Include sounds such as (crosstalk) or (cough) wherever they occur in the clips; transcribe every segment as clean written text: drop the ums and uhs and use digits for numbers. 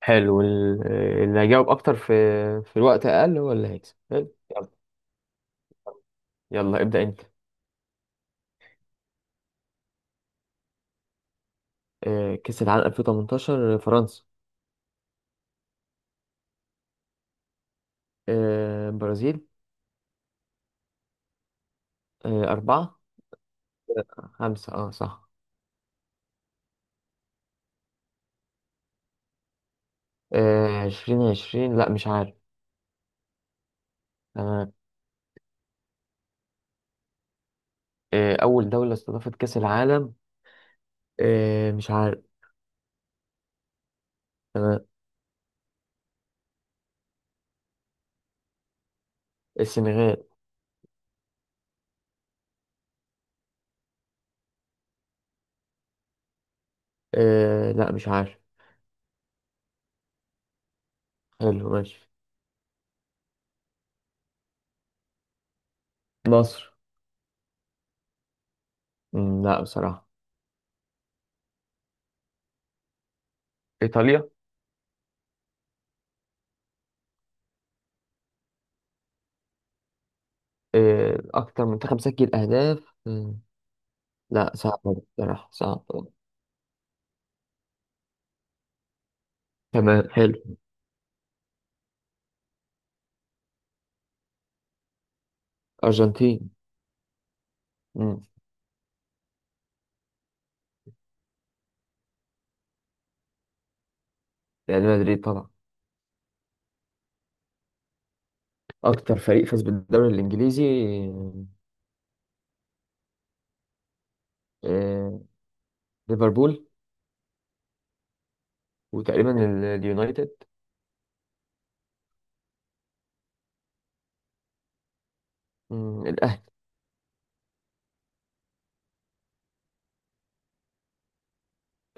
حلو. اللي هيجاوب اكتر في الوقت اقل هو اللي هيكسب. حلو، يلا. يلا ابدأ انت. كأس العالم 2018 فرنسا. برازيل. أربعة. خمسة، اه صح. 2020، لا مش عارف. تمام. أول دولة استضافت كأس العالم؟ مش عارف. تمام. السنغال. لا مش عارف. حلو، ماشي. مصر. لا بصراحة. إيطاليا. أكتر منتخب سجل أهداف؟ لا صعب. بصراحة صعب. تمام، حلو. أرجنتين. مم. ريال مدريد طبعا. أكتر فريق فاز بالدوري الإنجليزي؟ آه، ليفربول. وتقريبا اليونايتد. الأهلي.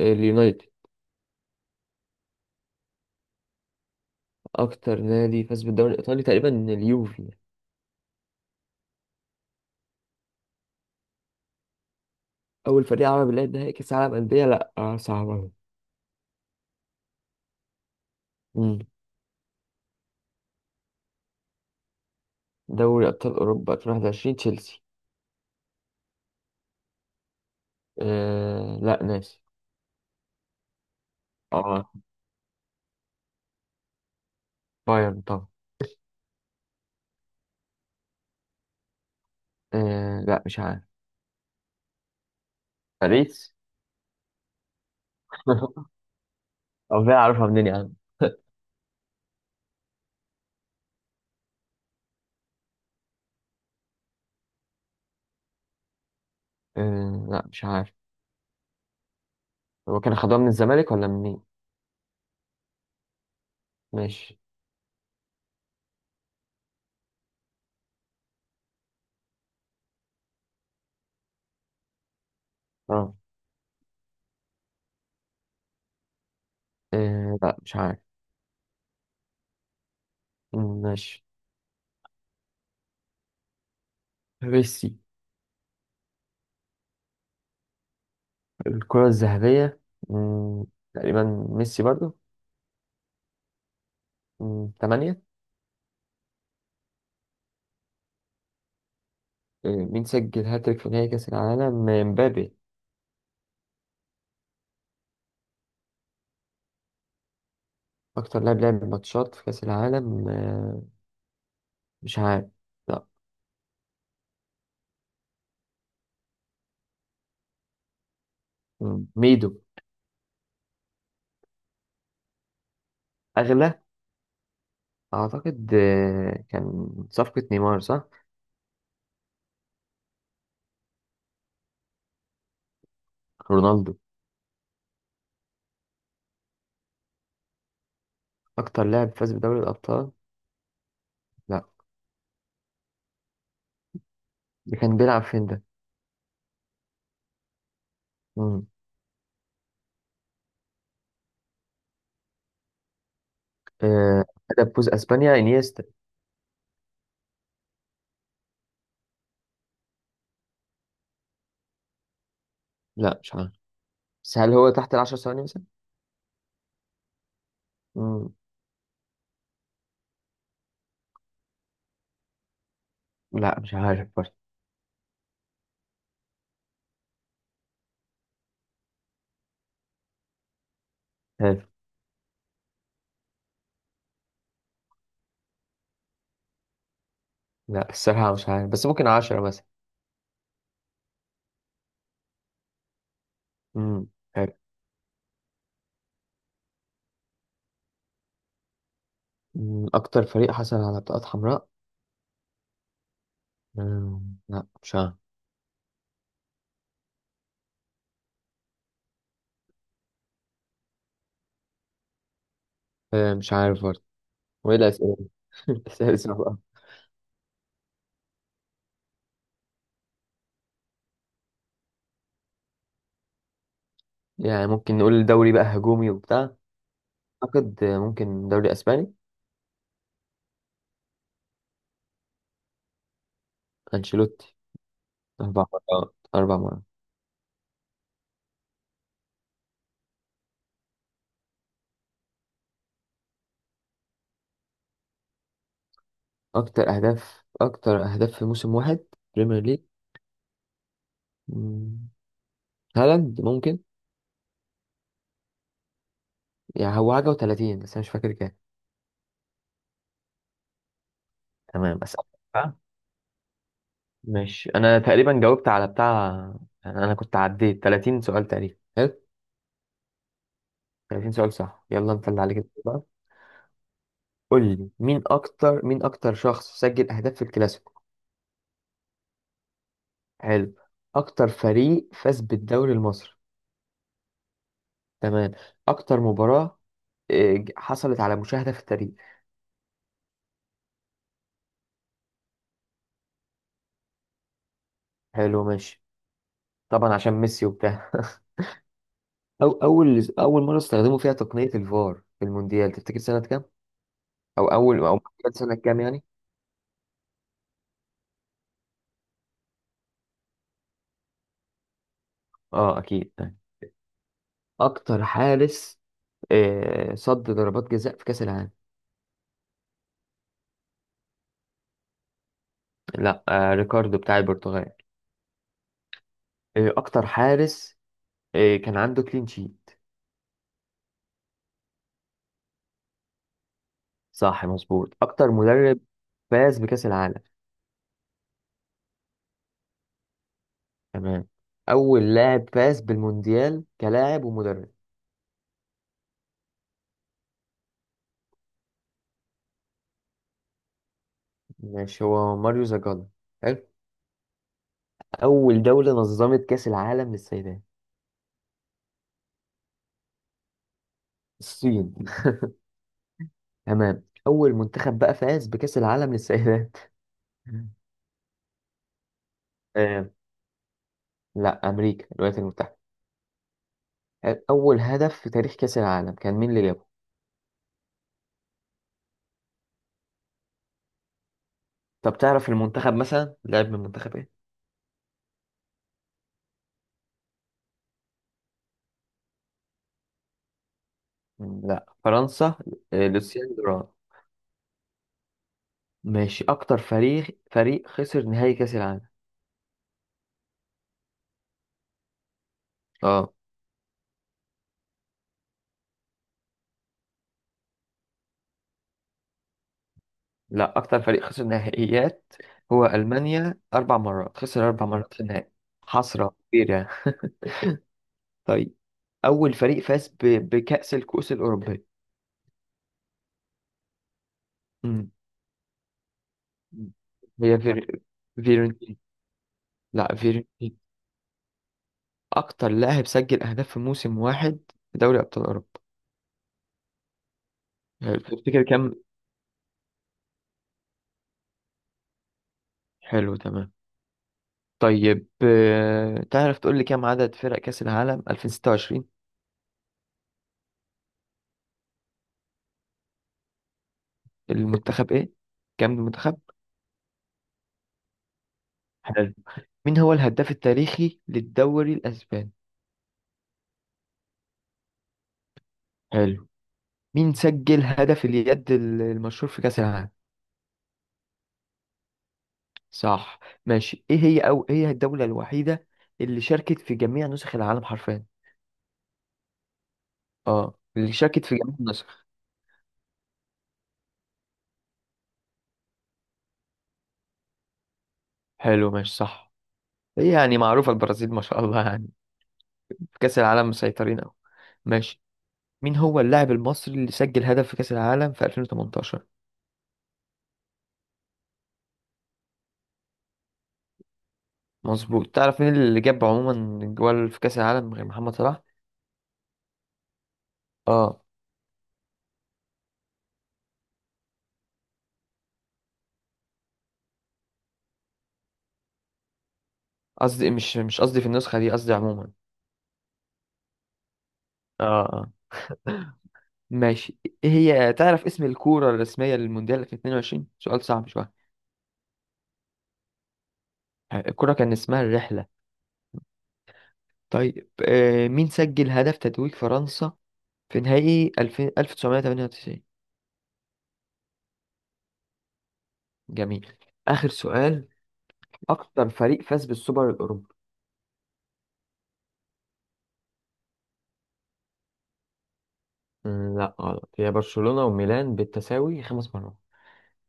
اليونايتد. أكتر نادي فاز بالدوري الإيطالي تقريبا اليوفي. أول فريق عربي لعب نهائي كأس العالم أندية؟ لا صعب أوي. مم. دوري أبطال أوروبا 2021 تشيلسي. أه لا ناسي. اه. بايرن طبعا. أه لا مش عارف. باريس. (laughs) أو ده أعرفها منين يا عم؟ (laughs) آه لا مش عارف. هو كان خدوها من الزمالك ولا منين؟ ماشي. اه. آه لا مش عارف. ماشي. ميسي. الكرة الذهبية. مم. تقريبا. ميسي برضو. تمانية. مين سجل هاتريك في نهائي كأس العالم؟ مبابي. أكتر لاعب لعب ماتشات في كأس العالم؟ مش عارف. لا. ميدو. أغلى. أعتقد كان صفقة نيمار، صح. رونالدو. أكتر لاعب فاز بدوري الأبطال؟ لا. ده كان بيلعب فين ده؟ آه، هدف فوز اسبانيا انيستا. لا مش عارف، بس هل هو تحت العشر ثواني مثلا؟ مم. لا مش عارف برضه. حلو. لا الصراحة مش عارف، بس ممكن 10 مثلا. مم. حلو. أكتر فريق حصل على بطاقات حمراء. لا مش عارف. مش عارف برضه. وإيه الأسئلة دي؟ (laughs) أسئلة صعبة. يعني ممكن نقول الدوري بقى هجومي وبتاع. أعتقد ممكن دوري أسباني. أنشيلوتي. أربع مرات، أربع مرات. أكتر أهداف في موسم واحد. بريمير ليج. مم. هالاند ممكن. يعني هو حاجة وتلاتين، بس أنا مش فاكر كام. تمام، أسألك بقى. ماشي، أنا تقريبا جاوبت على بتاع. أنا كنت عديت 30 سؤال تقريبا، حلو. 30 سؤال، صح، يلا أنت اللي عليك الدور بقى. قول لي مين أكتر شخص سجل أهداف في الكلاسيكو. حلو. أكتر فريق فاز بالدوري المصري. تمام. أكتر مباراة حصلت على مشاهدة في التاريخ. حلو، ماشي. طبعا عشان ميسي وبتاع. (laughs) أول أول مرة استخدموا فيها تقنية الفار في المونديال، تفتكر سنة كام؟ او اول او كان سنه كام يعني. اه اكيد طيب. اكتر حارس صد ضربات جزاء في كاس العالم؟ لا ريكاردو بتاع البرتغال. اكتر حارس كان عنده كلين شيت. صح مظبوط. اكتر مدرب فاز بكاس العالم؟ تمام. اول لاعب فاز بالمونديال كلاعب ومدرب. ماشي، هو ماريو زاجالا. حلو. اول دوله نظمت كاس العالم للسيدات. الصين. تمام. اول منتخب بقى فاز بكاس العالم للسيدات؟ (laughs) لا، امريكا، الولايات المتحده. اول هدف في تاريخ كاس العالم كان مين اللي جابه؟ طب تعرف المنتخب مثلا لعب من منتخب ايه. لا فرنسا. لوسيان دوران. ماشي، اكتر فريق خسر نهائي كاس العالم. اه. لا اكتر فريق خسر نهائيات. هو المانيا، اربع مرات خسر، اربع مرات في النهائي. حسره كبيره يعني. (laughs) طيب. اول فريق فاز بكاس الكؤوس الاوروبيه؟ مم. هي فيرنتين. لا فيرنتين. أكتر لاعب سجل أهداف في موسم واحد في دوري أبطال أوروبا. حلو، تفتكر كام. حلو تمام. طيب تعرف تقول لي كام عدد فرق كأس العالم 2026؟ المنتخب إيه، كام المنتخب. حلو. مين هو الهداف التاريخي للدوري الأسباني. حلو. مين سجل هدف اليد المشهور في كأس العالم؟ صح. ماشي، إيه هي إيه هي الدولة الوحيدة اللي شاركت في جميع نسخ العالم حرفيا؟ اه اللي شاركت في جميع النسخ. حلو، ماشي، صح. هي يعني معروفة البرازيل ما شاء الله يعني. في كأس العالم مسيطرين أوي. ماشي. مين هو اللاعب المصري اللي سجل هدف في كأس العالم في 2018؟ مظبوط. تعرف مين اللي جاب عموما جوال في كأس العالم غير محمد صلاح؟ اه. قصدي مش قصدي في النسخة دي، قصدي عموما. اه. اه. ماشي. إيه هي، تعرف اسم الكورة الرسمية للمونديال في 22؟ سؤال صعب شوية. الكورة كان اسمها الرحلة. طيب مين سجل هدف تتويج فرنسا في نهائي 2000 1998؟ جميل. آخر سؤال. أكتر فريق فاز بالسوبر الأوروبي. لا غلط، هي برشلونة وميلان بالتساوي خمس مرات.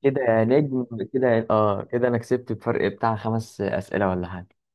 كده يا نجم. كده يا- آه كده أنا كسبت بفرق بتاع خمس أسئلة ولا حاجة.